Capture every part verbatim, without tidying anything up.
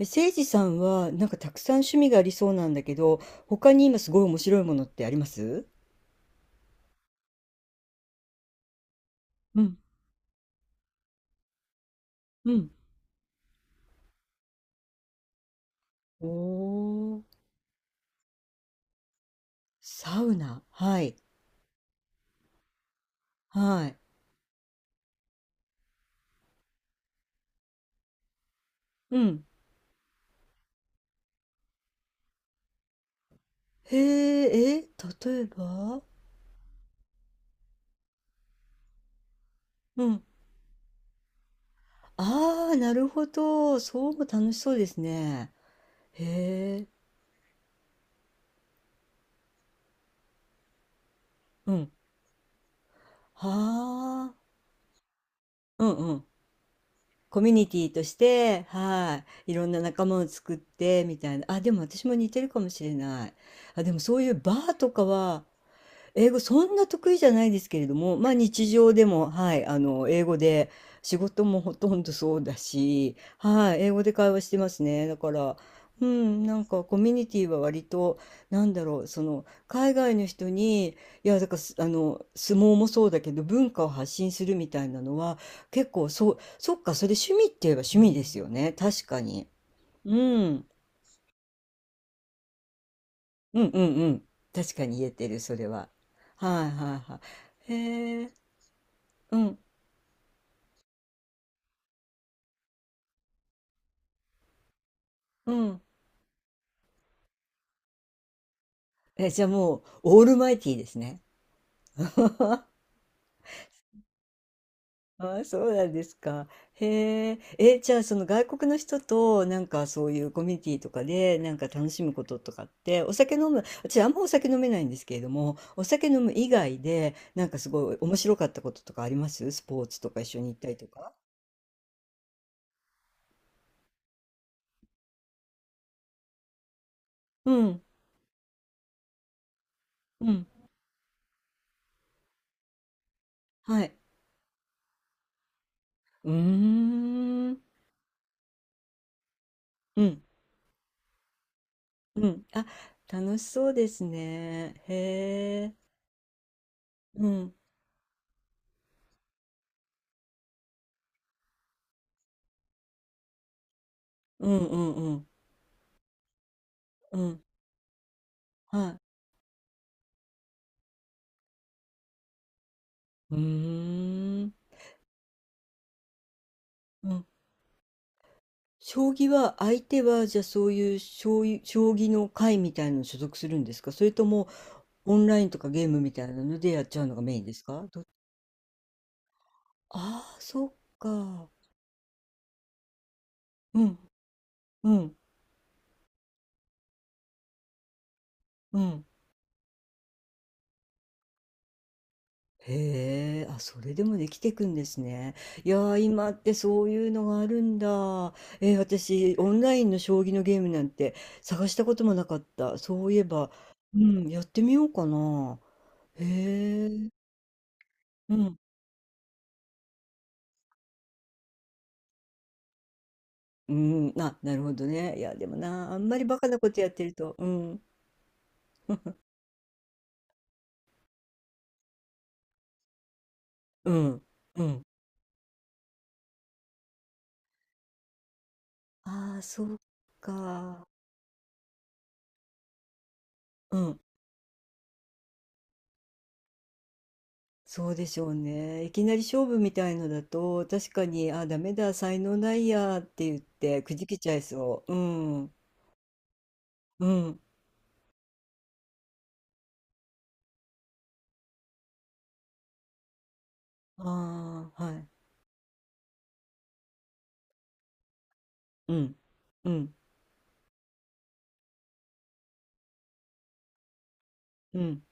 え、いじさんは、なんかたくさん趣味がありそうなんだけど、他に今すごい面白いものってあります？うん、うん。おー、サウナ。はい、はい。うん。へえ、え、例えば？うん。ああ、なるほど。そうも楽しそうですね。へえ、うん。はあ、うんうん。コミュニティとして、はい。いろんな仲間を作って、みたいな。あ、でも私も似てるかもしれない。あ、でもそういうバーとかは、英語そんな得意じゃないですけれども、まあ日常でも、はい、あの、英語で、仕事もほとんどそうだし、はい、英語で会話してますね。だから、うん、なんかコミュニティは割と、なんだろう、その、海外の人に、いや、だからす、あの、相撲もそうだけど、文化を発信するみたいなのは、結構、そう、そっか、それ趣味って言えば趣味ですよね。確かに。うん、うんうんうん。確かに言えてる、それは。はいはいはい。へえ、うんうん。え、じゃあもう、オールマイティーですね。あ、そうなんですか。へえ。え、じゃあその外国の人となんかそういうコミュニティとかでなんか楽しむこととかって、お酒飲む、私あんまお酒飲めないんですけれども、お酒飲む以外でなんかすごい面白かったこととかあります？スポーツとか一緒に行ったりとか。うん、うん、はい。うーん、うん、うん。あ、楽しそうですね。へえ。うん、うん、うん、うん、うん。はい。うーん。うん。将棋は、相手は、じゃ、あそういう、将棋将棋の会みたいなの所属するんですか？それとも、オンラインとかゲームみたいなのでやっちゃうのがメインですか？どああー、そっか。うん、うん、うん。へえ、あ、それでもできてくんですね。いやー、今ってそういうのがあるんだ。え、私、オンラインの将棋のゲームなんて探したこともなかった。そういえば、うん、やってみようかな。へえ。うん。うーん、あ、なるほどね。いや、でもな、あんまりバカなことやってると、うん、うん、うん。ああ、そうか。うん、そうでしょうね。いきなり勝負みたいのだと、確かに、ああ、ダメだ、才能ないやって言って、くじけちゃいそう。うん、うん。ああ、はい。うん、うん、うん。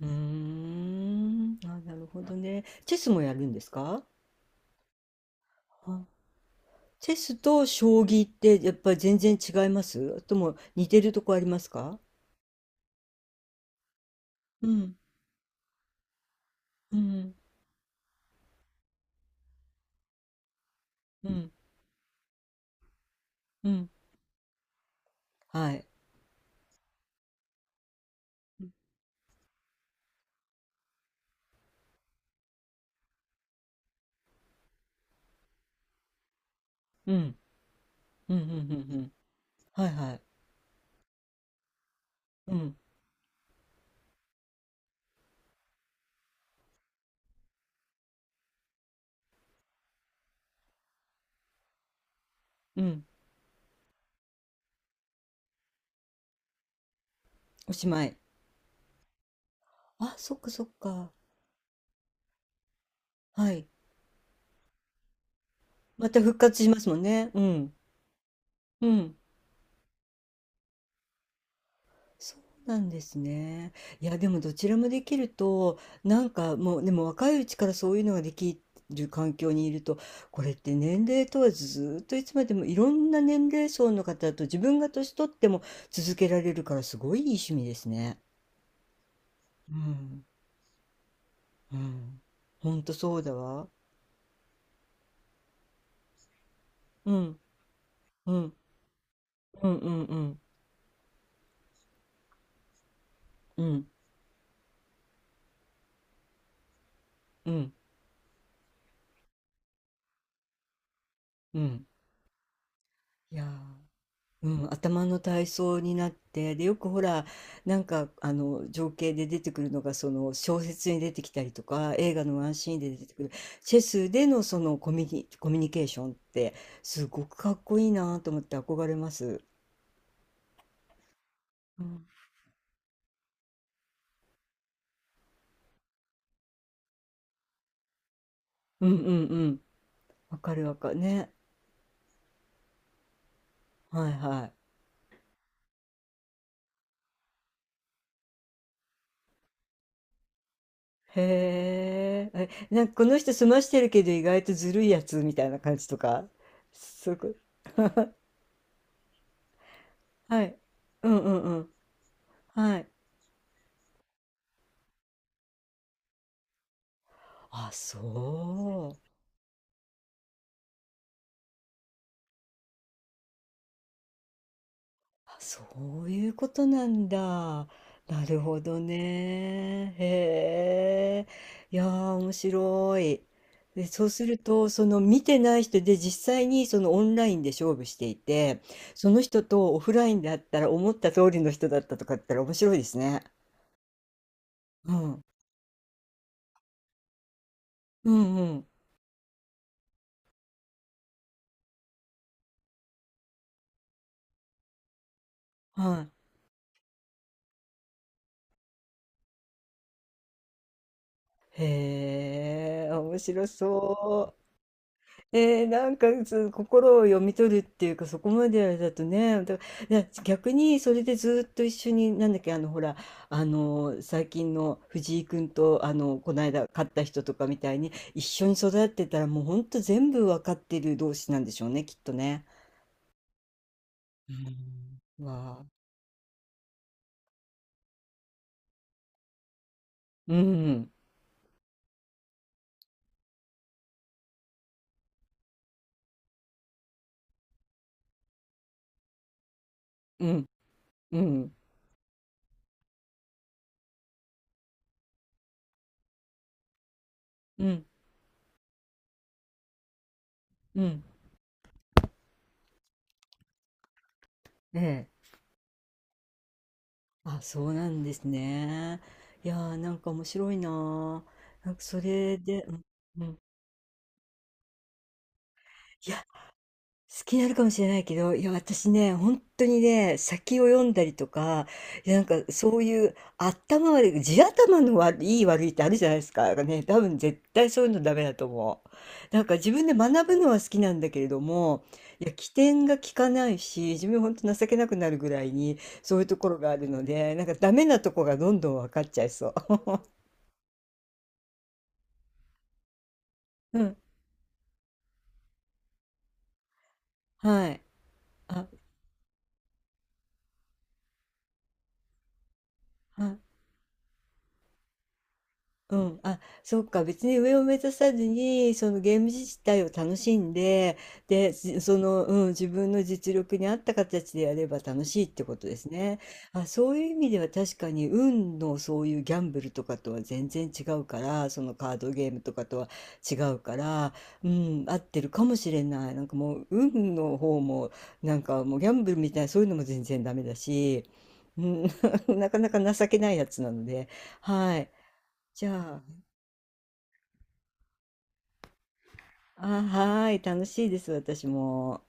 うーん。あ、なるほどね。チェスもやるんですか？あ、チェスと将棋ってやっぱり全然違いますとも似てるとこありますか？うん、うん、うん、うん、はい。うん、うん、うん、うん、うん。はいはい。うん、うん。おしまい。あ、そっかそっか。はい。また復活しますもんね。うん、うん。そうなんですね。いや、でもどちらもできると、なんかもう、でも若いうちからそういうのができる環境にいると、これって年齢問わずずっといつまでもいろんな年齢層の方と自分が年取っても続けられるからすごいいい趣味ですね。うん、うん。ほんとそうだわ。うん、うん、うん、うん、うん、うん、うん、うん。いやー。うん、頭の体操になってで、よくほらなんかあの情景で出てくるのがその小説に出てきたりとか映画のワンシーンで出てくるチェスでのそのコミュニ、コミュニケーションって、すごくかっこいいなと思って憧れます。うん、うんうんうん、わかるわかるね、はいはい。へえ。え、なんかこの人済ましてるけど意外とずるいやつみたいな感じとか。すごい、はい、うんうんうん、はい。あ、そう、そういうことなんだ。なるほどね。へえ。いやー、面白い。で、そうすると、その見てない人で実際にそのオンラインで勝負していて、その人とオフラインだったら思った通りの人だったとかだったら面白いですね。うん。うんうん。はい。へえ、面白そう。えー、なんかそう心を読み取るっていうかそこまでだとね、だだ逆にそれでずっと一緒になんだっけ、あのほらあの最近の藤井君と、あのこの間勝った人とかみたいに一緒に育ってたら、もうほんと全部わかってる同士なんでしょうね、きっとね。うんわあ、うん、うん、うん、うん、うん、ええ。あ、そうなんですね。いやー、なんか面白いなー。なんかそれで、うん、うん。いや、好きになるかもしれないけど、いや、私ね、本当にね、先を読んだりとか、いや、なんかそういう頭悪い、地頭の悪い、いい悪いってあるじゃないですか。なんかね、多分絶対そういうのダメだと思う。なんか自分で学ぶのは好きなんだけれども、いや、起点が利かないし、自分ほんと情けなくなるぐらいに、そういうところがあるので、なんかダメなとこがどんどん分かっちゃいそう。うん、はい。あ、はい。うん、あ、そっか、別に上を目指さずに、そのゲーム自体を楽しんで、で、じその、うん、自分の実力に合った形でやれば楽しいってことですね。あ、そういう意味では確かに、運のそういうギャンブルとかとは全然違うから、そのカードゲームとかとは違うから、うん、合ってるかもしれない。なんかもう、運の方も、なんかもうギャンブルみたいな、そういうのも全然ダメだし、うん、なかなか情けないやつなので、はい。じゃあ、あ、はーい、楽しいです、私も。